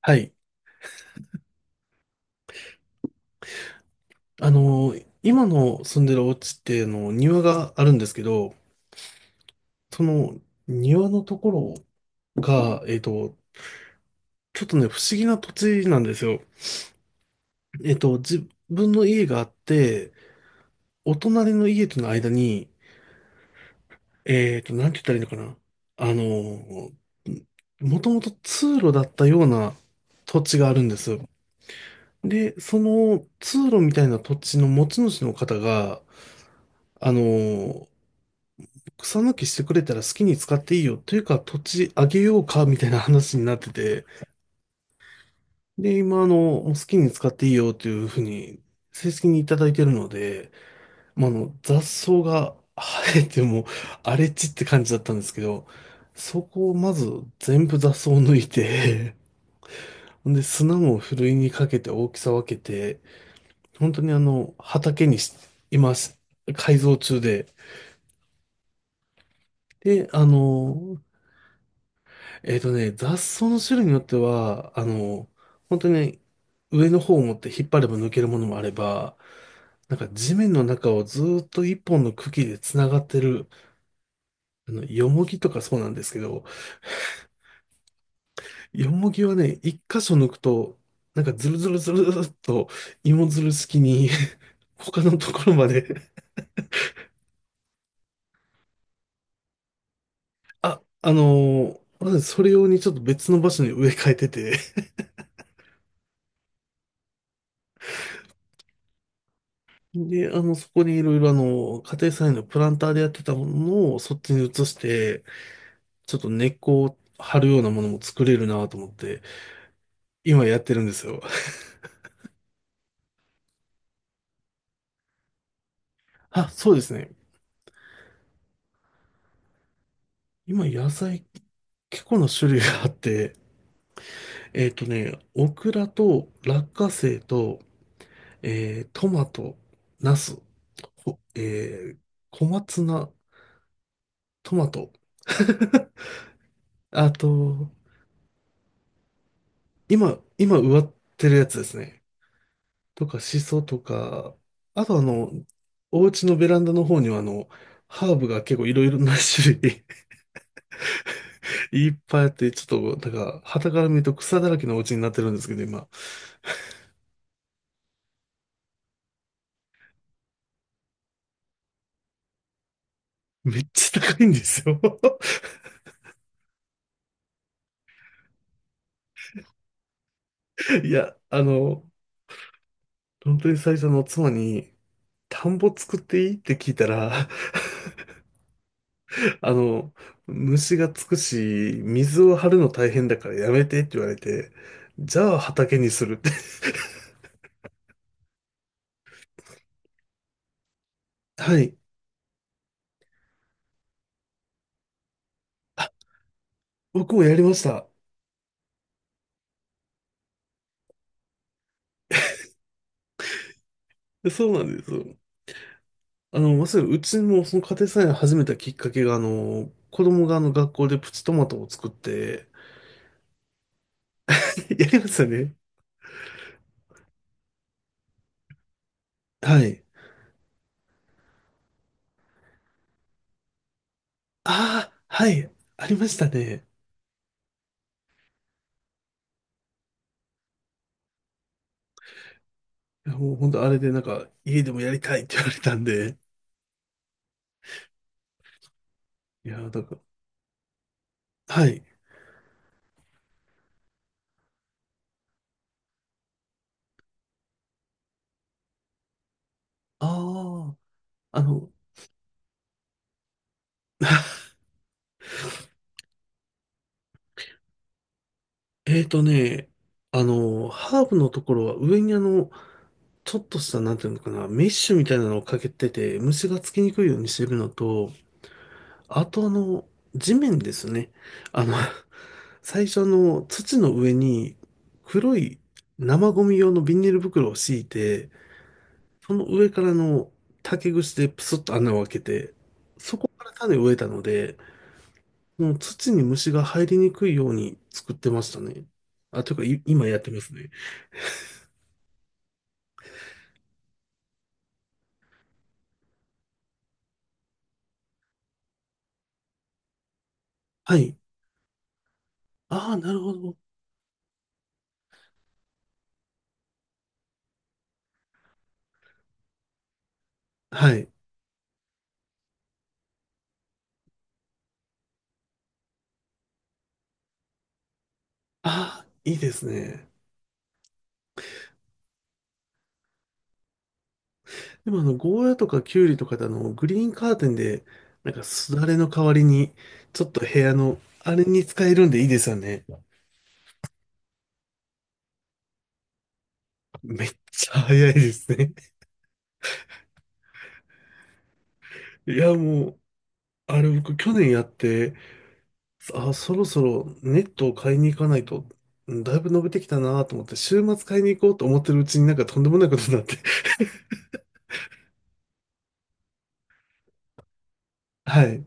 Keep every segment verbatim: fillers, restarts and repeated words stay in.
はい。あの、今の住んでるお家ってあの庭があるんですけど、その庭のところが、えっと、ちょっとね、不思議な土地なんですよ。えっと、自分の家があって、お隣の家との間に、えっと、なんて言ったらいいのかな。あの、もともと通路だったような土地があるんですよ。で、その通路みたいな土地の持ち主の方が、あの草抜きしてくれたら好きに使っていいよ。というか、土地あげようか、みたいな話になってて。で、今、あの、もう好きに使っていいよというふうに、正式にいただいてるので、まあ、あの、雑草が生えても、荒れ地って感じだったんですけど、そこをまず全部雑草を抜いて、ほんで、砂もふるいにかけて大きさ分けて、本当にあの、畑にし、今し、改造中で、で、あの、えっとね、雑草の種類によっては、あの、本当に上の方を持って引っ張れば抜けるものもあれば、なんか地面の中をずーっと一本の茎で繋がってる、あの、ヨモギとかそうなんですけど、ヨモギはね、一箇所抜くと、なんかズルズルズルズルっと芋づる式に 他のところまであ、あのーまずそれ用にちょっと別の場所に植え替えてて、で、あの、そこにいろいろあの、家庭菜園のプランターでやってたものをそっちに移して、ちょっと根っこを張るようなものも作れるなと思って、今やってるんですよ。あ、そうですね。今野菜結構な種類があって、えっとね、オクラと落花生と、えー、トマト、ナス、ほえー、小松菜、トマト、あと、今、今植わってるやつですね。とか、シソとか、あとあの、お家のベランダの方にはあの、ハーブが結構いろいろな種類 いっぱいあって、ちょっと、なんか、傍から見ると草だらけのお家になってるんですけど、今、めっちゃ高いんですよ いや、あの、本当に最初の妻に、田んぼ作っていいって聞いたら、あの、虫がつくし、水を張るの大変だからやめてって言われて、じゃあ畑にするって はい。あ、僕もやりました。そうなんです。あの、まさにうちもその家庭菜園始めたきっかけが、あの、子供があの学校でプチトマトを作って、やりましたね。はい。ああ、はい。ありましたね。いやもう本当あれでなんか、家でもやりたいって言われたんで。いや、だから、はい。ああ、あの、えーとね、あの、ハーブのところは上にあの、ちょっとした、なんていうのかな、メッシュみたいなのをかけてて、虫がつきにくいようにしてるのと、あとあの、地面ですね。あの、最初の土の上に黒い生ゴミ用のビニール袋を敷いて、その上からの竹串でプスッと穴を開けて、そこから種を植えたので、もう土に虫が入りにくいように作ってましたね。あ、というか、い今やってますね。はい。ああ、なるほど。はい。ああ、いいですね。でもあの、ゴーヤとかキュウリとかであの、グリーンカーテンで、なんかすだれの代わりに、ちょっと部屋の、あれに使えるんでいいですよね。めっちゃ早いですね。いや、もう、あれ僕去年やって、あ、そろそろネットを買いに行かないと、うんだいぶ伸びてきたなと思って、週末買いに行こうと思ってるうちになんかとんでもないことになって。はい。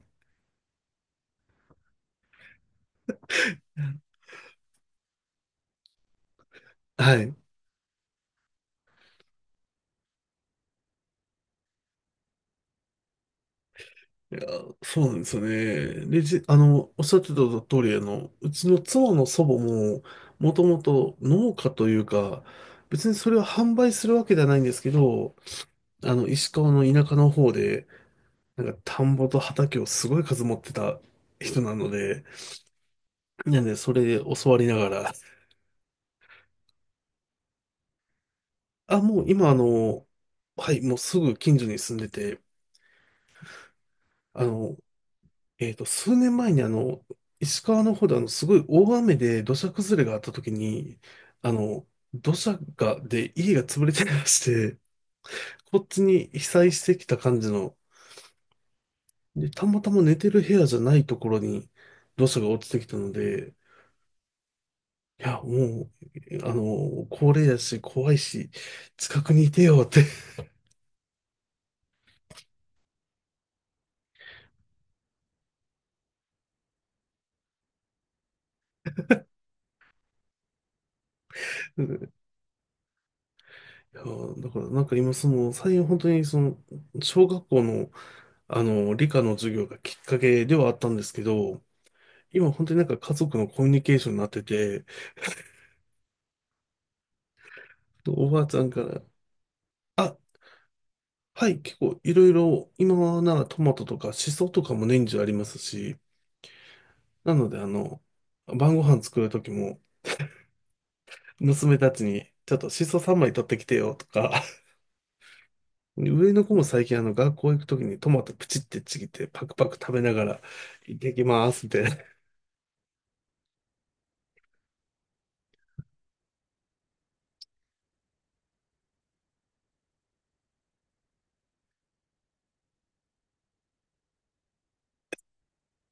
はい。いや、そうなんですよね。レジ、あの、おっしゃってた通り、あの、うちの妻の祖母も、もともと農家というか、別にそれを販売するわけではないんですけど、あの、石川の田舎の方で、なんか田んぼと畑をすごい数持ってた人なので、なんでそれで教わりながら、あ、もう今あの、はい、もうすぐ近所に住んでて、あの、えっと、数年前にあの、石川の方であの、すごい大雨で土砂崩れがあった時に、あの、土砂が、で、家が潰れてまして、こっちに被災してきた感じの、で、たまたま寝てる部屋じゃないところに土砂が落ちてきたので、いや、もう、あの、高齢だし、怖いし、近くにいてよって いや、だから、なんか今、その、最近本当に、その、小学校の、あの、理科の授業がきっかけではあったんですけど、今、本当になんか家族のコミュニケーションになってて、おばあちゃんから、あ、はい、結構、いろいろ、今はならトマトとか、シソとかも年中ありますし、なので、あの、晩ご飯作る時も、娘たちに、ちょっとシソさんまい取ってきてよとか、上の子も最近あの学校行くときにトマトプチってちぎってパクパク食べながら行ってきますみたいな。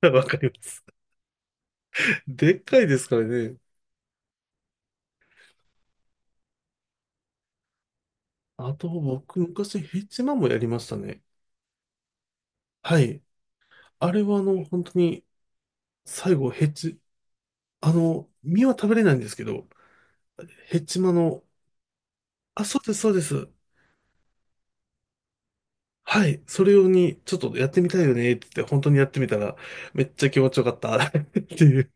わかります。でっかいですからね。あと僕昔ヘッマンもやりましたね。はい。あれはあの本当に最後、ヘッあの実は食べれないんですけど、ヘッマンの、あ、そうですそうです。はい。それ用にちょっとやってみたいよねって言って本当にやってみたらめっちゃ気持ちよかった っていう。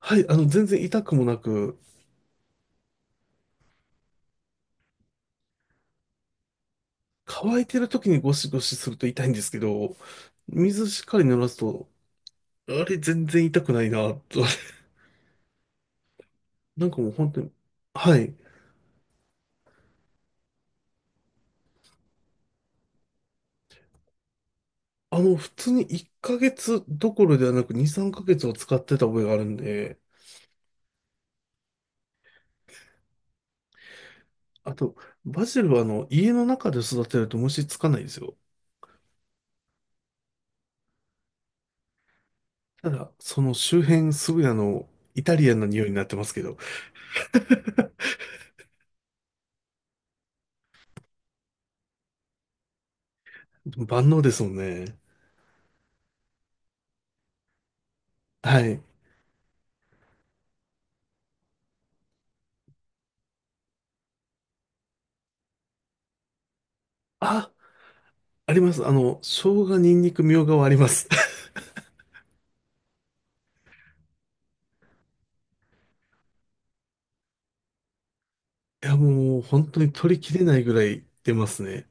はい。あの全然痛くもなく、乾いてる時にゴシゴシすると痛いんですけど、水しっかり濡らすと、あれ全然痛くないな、と。なんかもう本当に、はい。あの、普通にいっかげつどころではなくに、さんかげつは使ってた覚えがあるんで、あと、バジルはあの、家の中で育てると虫つかないですよ。ただ、その周辺すぐあの、イタリアンな匂いになってますけど、万能ですもんね。はい。あ、あります。あの、生姜、ニンニク、みょうがはあります。いや、もう本当に取りきれないぐらい出ますね。